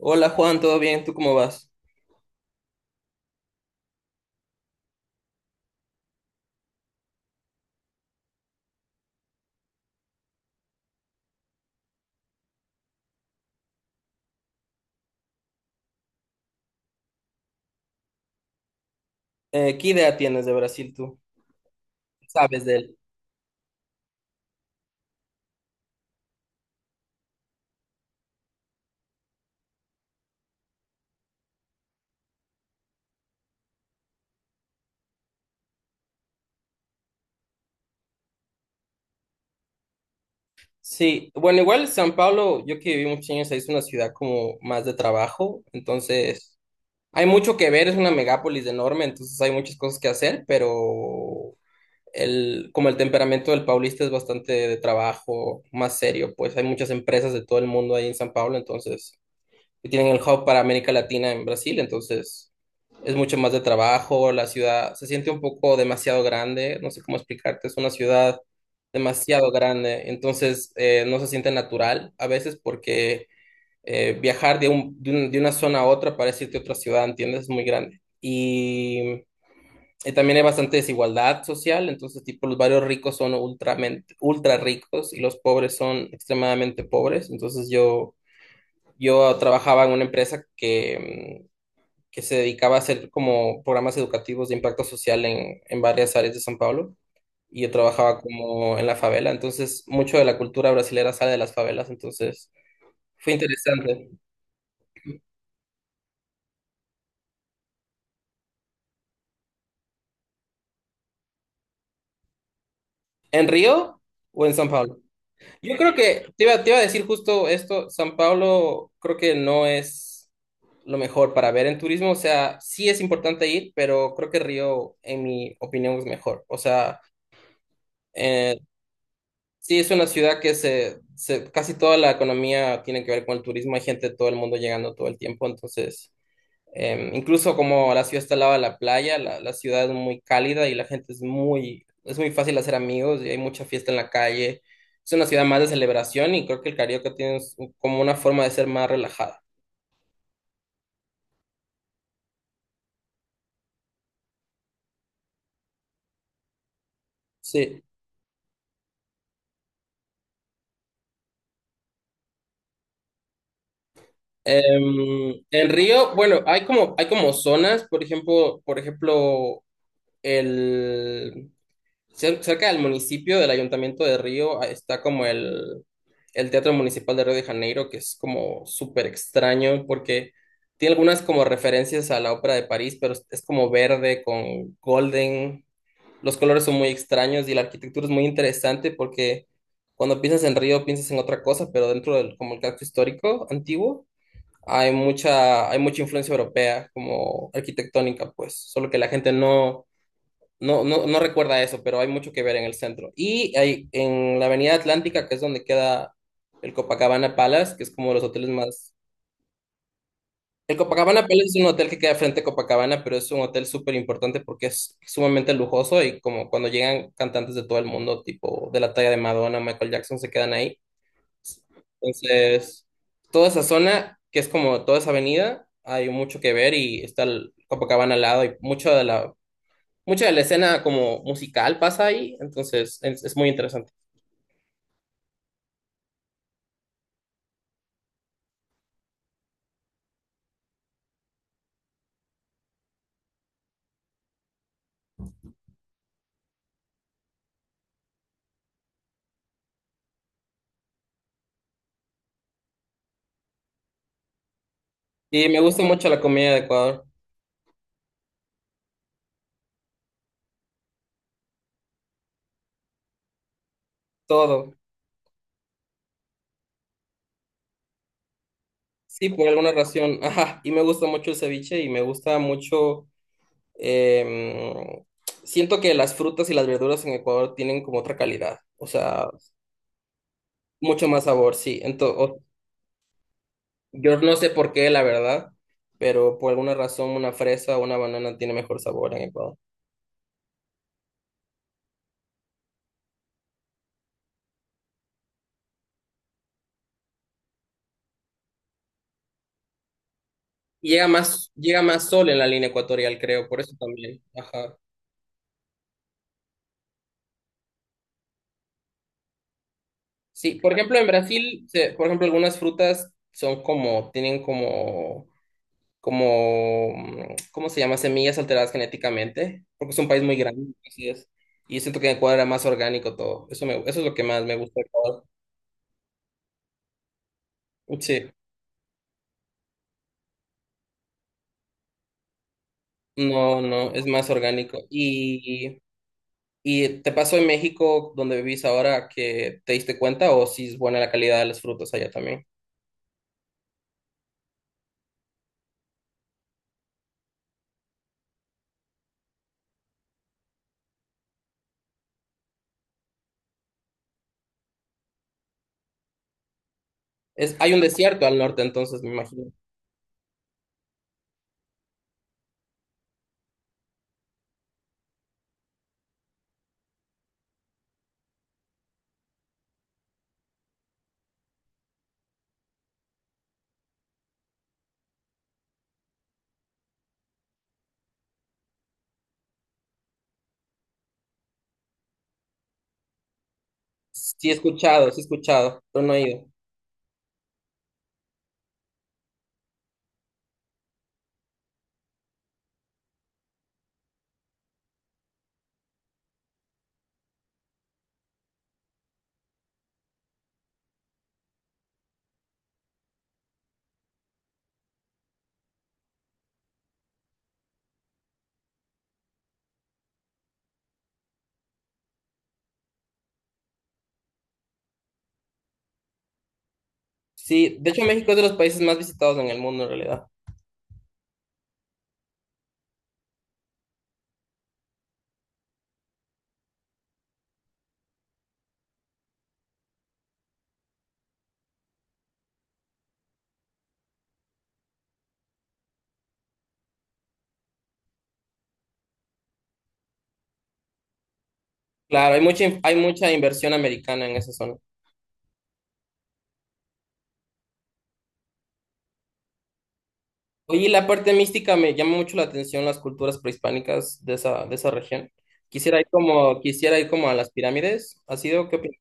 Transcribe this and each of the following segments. Hola Juan, ¿todo bien? ¿Tú cómo vas? ¿qué idea tienes de Brasil tú? ¿Sabes de él? Sí, bueno, igual San Pablo, yo que viví muchos años ahí, es una ciudad como más de trabajo, entonces hay mucho que ver, es una megápolis enorme, entonces hay muchas cosas que hacer, pero el, como el temperamento del paulista es bastante de trabajo, más serio, pues hay muchas empresas de todo el mundo ahí en San Pablo, entonces y tienen el hub para América Latina en Brasil, entonces es mucho más de trabajo, la ciudad se siente un poco demasiado grande, no sé cómo explicarte, es una ciudad demasiado grande, entonces no se siente natural a veces porque viajar de una zona a otra para irte a otra ciudad, ¿entiendes? Es muy grande. Y también hay bastante desigualdad social, entonces tipo los barrios ricos son ultramente, ultra ricos y los pobres son extremadamente pobres, entonces yo... Yo trabajaba en una empresa que, que se dedicaba a hacer como programas educativos de impacto social en varias áreas de San Pablo y yo trabajaba como en la favela, entonces mucho de la cultura brasilera sale de las favelas, entonces fue interesante. ¿En Río o en San Pablo? Yo creo que te iba a decir justo esto, San Pablo creo que no es lo mejor para ver en turismo, o sea, sí es importante ir, pero creo que Río, en mi opinión, es mejor, o sea... eh, Sí, es una ciudad que casi toda la economía tiene que ver con el turismo. Hay gente de todo el mundo llegando todo el tiempo. Entonces, incluso como la ciudad está al lado de la playa, la ciudad es muy cálida y la gente es muy fácil hacer amigos y hay mucha fiesta en la calle. Es una ciudad más de celebración y creo que el Carioca tiene como una forma de ser más relajada. Sí. En Río, bueno, hay como zonas, por ejemplo, el Cerca del municipio, del Ayuntamiento de Río, ah, está como el Teatro Municipal de Río de Janeiro, que es como súper extraño porque tiene algunas como referencias a la Ópera de París, pero es como verde con golden. Los colores son muy extraños y la arquitectura es muy interesante porque cuando piensas en Río piensas en otra cosa, pero dentro del como el casco histórico antiguo hay mucha influencia europea como arquitectónica, pues, solo que la gente no no recuerda eso, pero hay mucho que ver en el centro. Y hay, en la Avenida Atlántica, que es donde queda el Copacabana Palace, que es como de los hoteles más... El Copacabana Palace es un hotel que queda frente a Copacabana, pero es un hotel súper importante porque es sumamente lujoso y como cuando llegan cantantes de todo el mundo, tipo de la talla de Madonna, Michael Jackson, se quedan ahí. Entonces, toda esa zona, que es como toda esa avenida, hay mucho que ver y está el Copacabana al lado y mucho de la mucha de la escena como musical pasa ahí, entonces es muy interesante. Y me gusta mucho la comida de Ecuador, todo. Sí, por alguna razón. Ajá, y me gusta mucho el ceviche y me gusta mucho... em, siento que las frutas y las verduras en Ecuador tienen como otra calidad, o sea, mucho más sabor, sí. Entonces, yo no sé por qué, la verdad, pero por alguna razón una fresa o una banana tiene mejor sabor en Ecuador. Llega más sol en la línea ecuatorial, creo, por eso también. Ajá. Sí, por ejemplo, en Brasil, por ejemplo, algunas frutas son como, tienen como, como, ¿cómo se llama? Semillas alteradas genéticamente, porque es un país muy grande, así es. Y siento que en Ecuador era más orgánico todo. Eso es lo que más me gusta de Ecuador. Sí, no, no, es más orgánico. Y te pasó en México, donde vivís ahora, que te diste cuenta o si es buena la calidad de las frutas allá también? Es, hay un desierto al norte, entonces me imagino. Sí he escuchado, pero no he ido. Sí, de hecho México es de los países más visitados en el mundo en realidad. Claro, hay mucha inversión americana en esa zona. Oye, y la parte mística me llama mucho la atención las culturas prehispánicas de esa región. Quisiera ir como a las pirámides. ¿Has ido? ¿Qué opinas?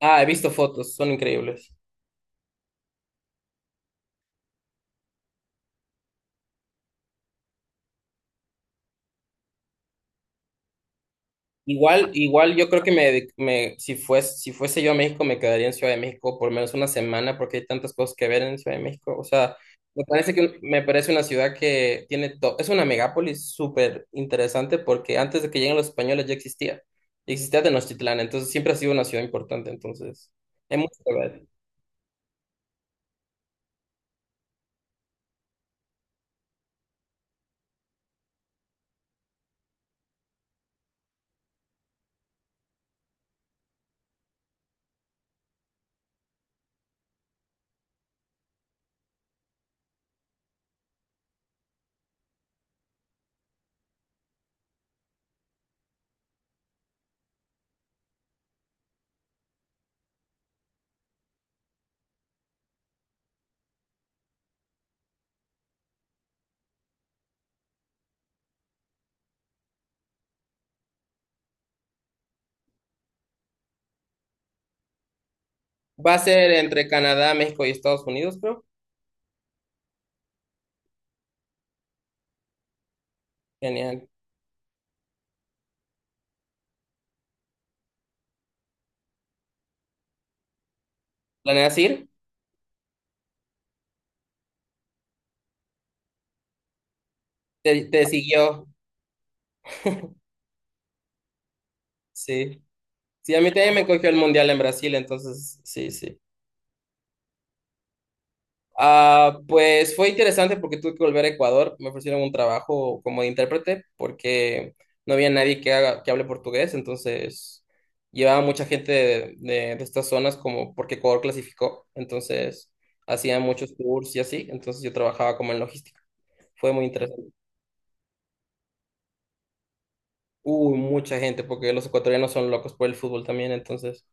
Ah, he visto fotos, son increíbles. Igual, igual yo creo que me si fuese, si fuese yo a México, me quedaría en Ciudad de México por lo menos una semana porque hay tantas cosas que ver en Ciudad de México. O sea, me parece una ciudad que tiene todo, es una megápolis súper interesante porque antes de que lleguen los españoles ya existía. Ya Existía Tenochtitlán, entonces siempre ha sido una ciudad importante, entonces hay mucho que ver. Va a ser entre Canadá, México y Estados Unidos, creo. Genial. ¿Planeas ir? Te siguió, sí. Sí, a mí también me cogió el mundial en Brasil, entonces sí, sí. Ah, pues fue interesante porque tuve que volver a Ecuador. Me ofrecieron un trabajo como de intérprete porque no había nadie que hable portugués. Entonces llevaba mucha gente de estas zonas como porque Ecuador clasificó. Entonces hacían muchos tours y así. Entonces yo trabajaba como en logística. Fue muy interesante. Uy, mucha gente porque los ecuatorianos son locos por el fútbol también. Entonces,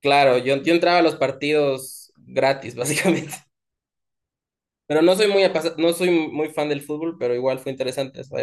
claro, yo entraba a los partidos gratis, básicamente. Pero no soy no soy muy fan del fútbol, pero igual fue interesante esa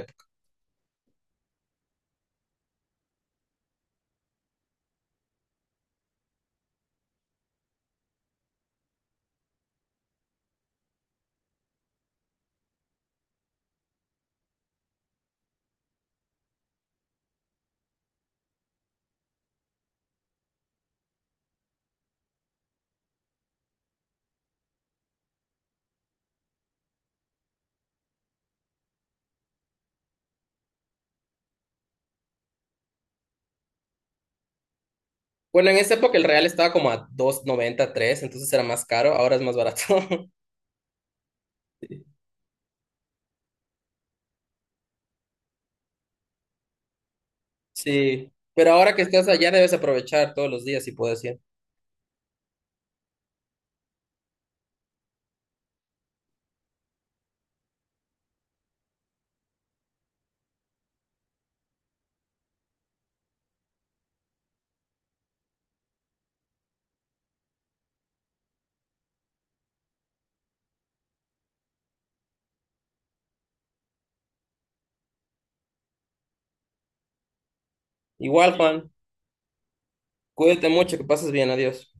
Bueno, en esa época el real estaba como a 2,93, entonces era más caro, ahora es más barato. Sí, pero ahora que estás allá debes aprovechar todos los días si puedes ir. Igual, Juan, cuídate mucho, que pases bien, adiós.